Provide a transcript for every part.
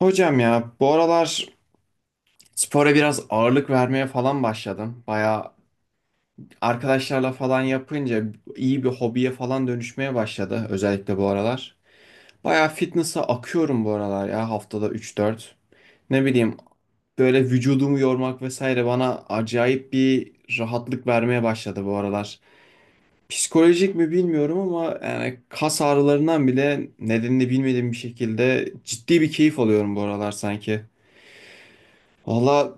Hocam, ya bu aralar spora biraz ağırlık vermeye falan başladım. Baya arkadaşlarla falan yapınca iyi bir hobiye falan dönüşmeye başladı, özellikle bu aralar. Baya fitness'a akıyorum bu aralar ya, haftada üç dört, ne bileyim, böyle vücudumu yormak vesaire bana acayip bir rahatlık vermeye başladı bu aralar. Psikolojik mi bilmiyorum ama yani kas ağrılarından bile nedenini bilmediğim bir şekilde ciddi bir keyif alıyorum bu aralar sanki. Valla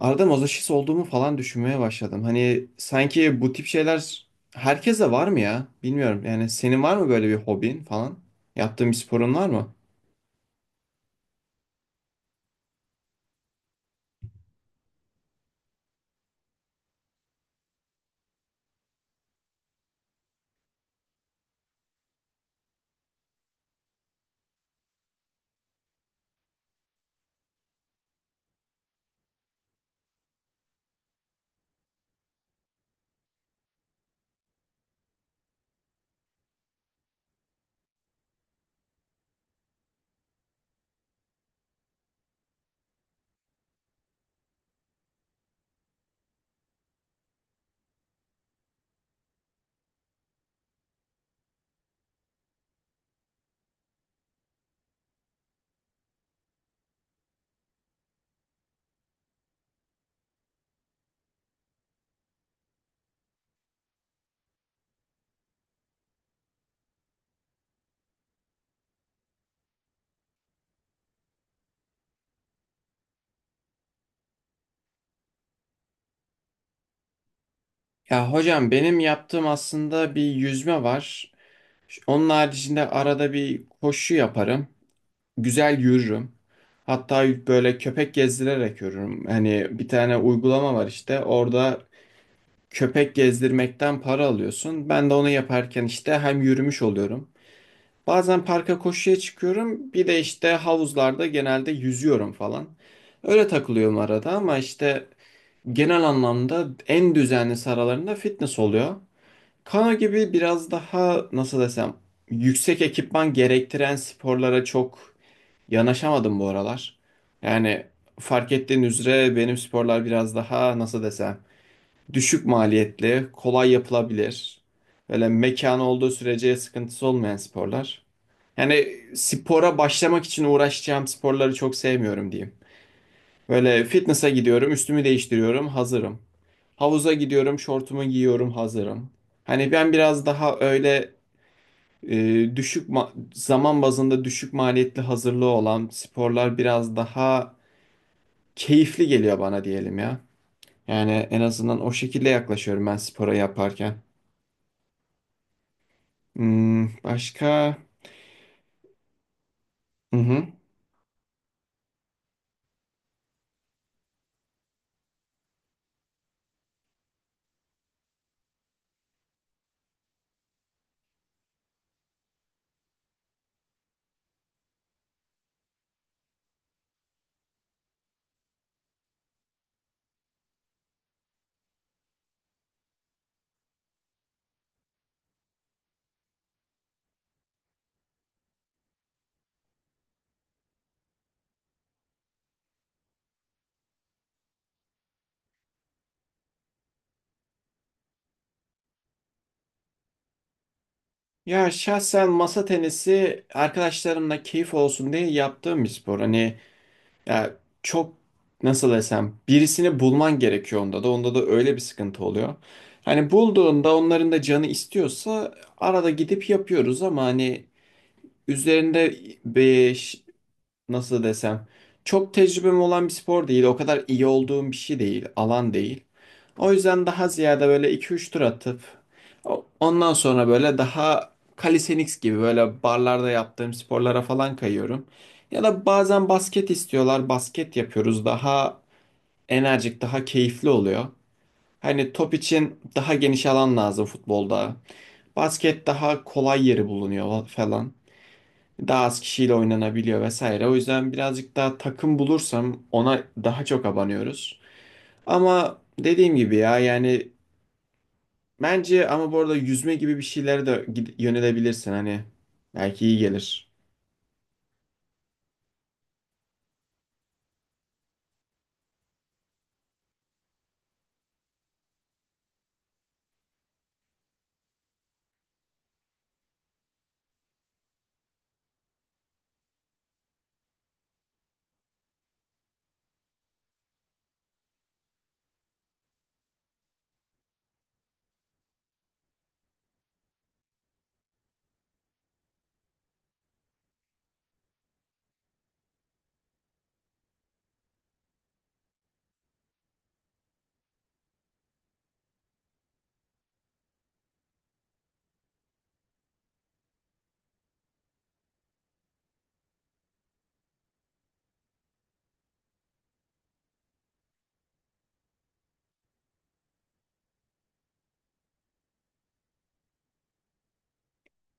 arada mazoşist olduğumu falan düşünmeye başladım. Hani sanki bu tip şeyler herkese var mı ya? Bilmiyorum. Yani senin var mı böyle bir hobin falan? Yaptığın bir sporun var mı? Ya hocam, benim yaptığım aslında bir yüzme var. Onun haricinde arada bir koşu yaparım. Güzel yürürüm. Hatta böyle köpek gezdirerek yürürüm. Hani bir tane uygulama var işte. Orada köpek gezdirmekten para alıyorsun. Ben de onu yaparken işte hem yürümüş oluyorum. Bazen parka koşuya çıkıyorum. Bir de işte havuzlarda genelde yüzüyorum falan. Öyle takılıyorum arada ama işte genel anlamda en düzenli aralarında fitness oluyor. Kano gibi biraz daha nasıl desem yüksek ekipman gerektiren sporlara çok yanaşamadım bu aralar. Yani, fark ettiğin üzere benim sporlar biraz daha nasıl desem düşük maliyetli, kolay yapılabilir. Böyle mekan olduğu sürece sıkıntısı olmayan sporlar. Yani spora başlamak için uğraşacağım sporları çok sevmiyorum diyeyim. Böyle fitness'a gidiyorum, üstümü değiştiriyorum, hazırım. Havuza gidiyorum, şortumu giyiyorum, hazırım. Hani ben biraz daha öyle e, zaman bazında düşük maliyetli hazırlığı olan sporlar biraz daha keyifli geliyor bana diyelim ya. Yani en azından o şekilde yaklaşıyorum ben spora yaparken. Hmm, başka? Hı hı. Ya şahsen masa tenisi arkadaşlarımla keyif olsun diye yaptığım bir spor. Hani ya çok nasıl desem birisini bulman gerekiyor, onda da öyle bir sıkıntı oluyor. Hani bulduğunda onların da canı istiyorsa arada gidip yapıyoruz ama hani üzerinde beş, nasıl desem, çok tecrübem olan bir spor değil. O kadar iyi olduğum bir şey değil. Alan değil. O yüzden daha ziyade böyle iki üç tur atıp ondan sonra böyle daha calisthenics gibi böyle barlarda yaptığım sporlara falan kayıyorum. Ya da bazen basket istiyorlar. Basket yapıyoruz. Daha enerjik, daha keyifli oluyor. Hani top için daha geniş alan lazım futbolda. Basket daha kolay yeri bulunuyor falan. Daha az kişiyle oynanabiliyor vesaire. O yüzden birazcık daha takım bulursam ona daha çok abanıyoruz. Ama dediğim gibi ya yani bence, ama bu arada yüzme gibi bir şeylere de yönelebilirsin, hani belki iyi gelir.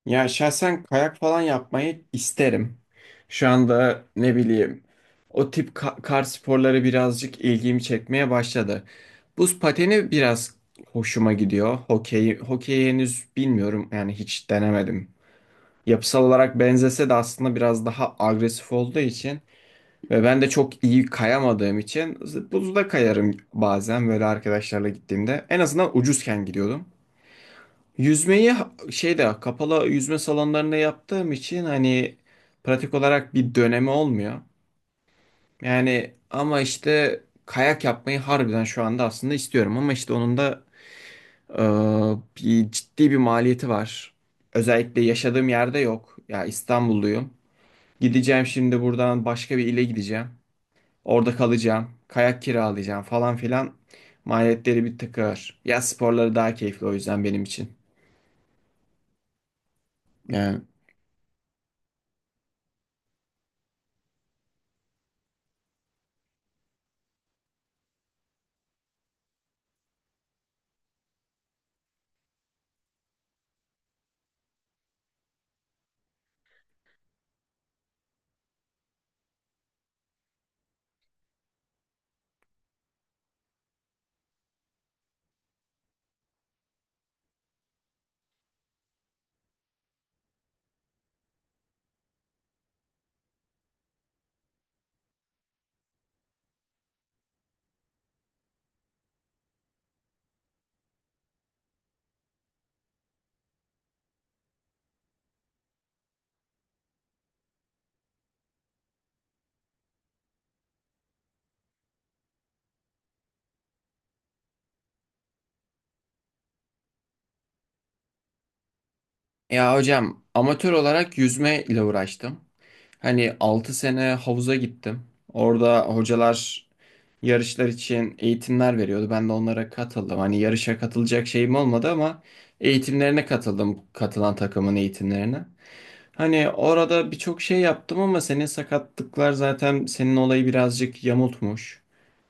Ya şahsen kayak falan yapmayı isterim. Şu anda ne bileyim o tip kar sporları birazcık ilgimi çekmeye başladı. Buz pateni biraz hoşuma gidiyor. Hokey, hokeyi henüz bilmiyorum, yani hiç denemedim. Yapısal olarak benzese de aslında biraz daha agresif olduğu için ve ben de çok iyi kayamadığım için buzda kayarım bazen böyle arkadaşlarla gittiğimde. En azından ucuzken gidiyordum. Yüzmeyi şeyde, kapalı yüzme salonlarında yaptığım için hani pratik olarak bir dönemi olmuyor. Yani, ama işte kayak yapmayı harbiden şu anda aslında istiyorum ama işte onun da e, bir ciddi bir maliyeti var. Özellikle yaşadığım yerde yok. Ya, İstanbulluyum. Gideceğim şimdi buradan başka bir ile gideceğim. Orada kalacağım. Kayak kiralayacağım falan filan. Maliyetleri bir tık. Yaz sporları daha keyifli o yüzden benim için. Yani. Ya hocam, amatör olarak yüzme ile uğraştım. Hani 6 sene havuza gittim. Orada hocalar yarışlar için eğitimler veriyordu. Ben de onlara katıldım. Hani yarışa katılacak şeyim olmadı ama eğitimlerine katıldım. Katılan takımın eğitimlerine. Hani orada birçok şey yaptım ama senin sakatlıklar zaten senin olayı birazcık yamultmuş.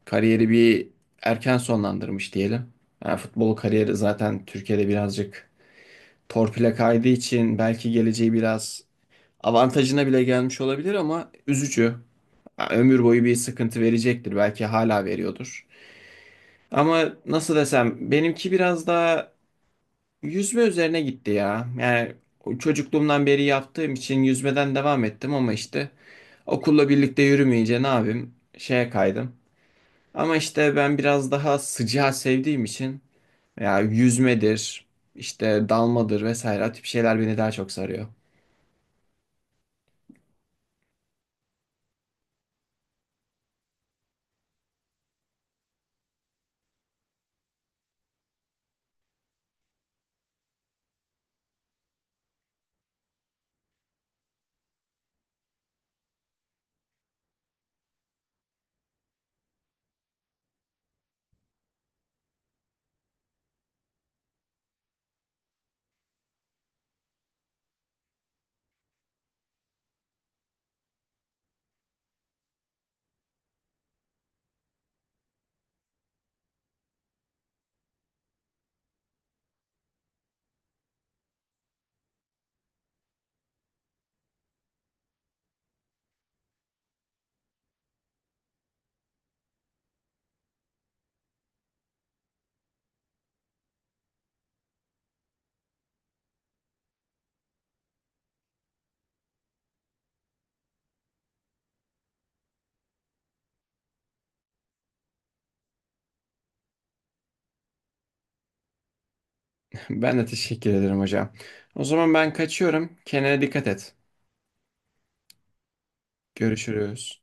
Kariyeri bir erken sonlandırmış diyelim. Yani futbol kariyeri zaten Türkiye'de birazcık torpile kaydığı için belki geleceği biraz avantajına bile gelmiş olabilir ama üzücü. Ya, ömür boyu bir sıkıntı verecektir. Belki hala veriyordur. Ama nasıl desem benimki biraz daha yüzme üzerine gitti ya. Yani o çocukluğumdan beri yaptığım için yüzmeden devam ettim ama işte okulla birlikte yürümeyince ne yapayım? Şeye kaydım. Ama işte ben biraz daha sıcağı sevdiğim için ya yüzmedir, işte dalmadır vesaire o tip şeyler beni daha çok sarıyor. Ben de teşekkür ederim hocam. O zaman ben kaçıyorum. Kendine dikkat et. Görüşürüz.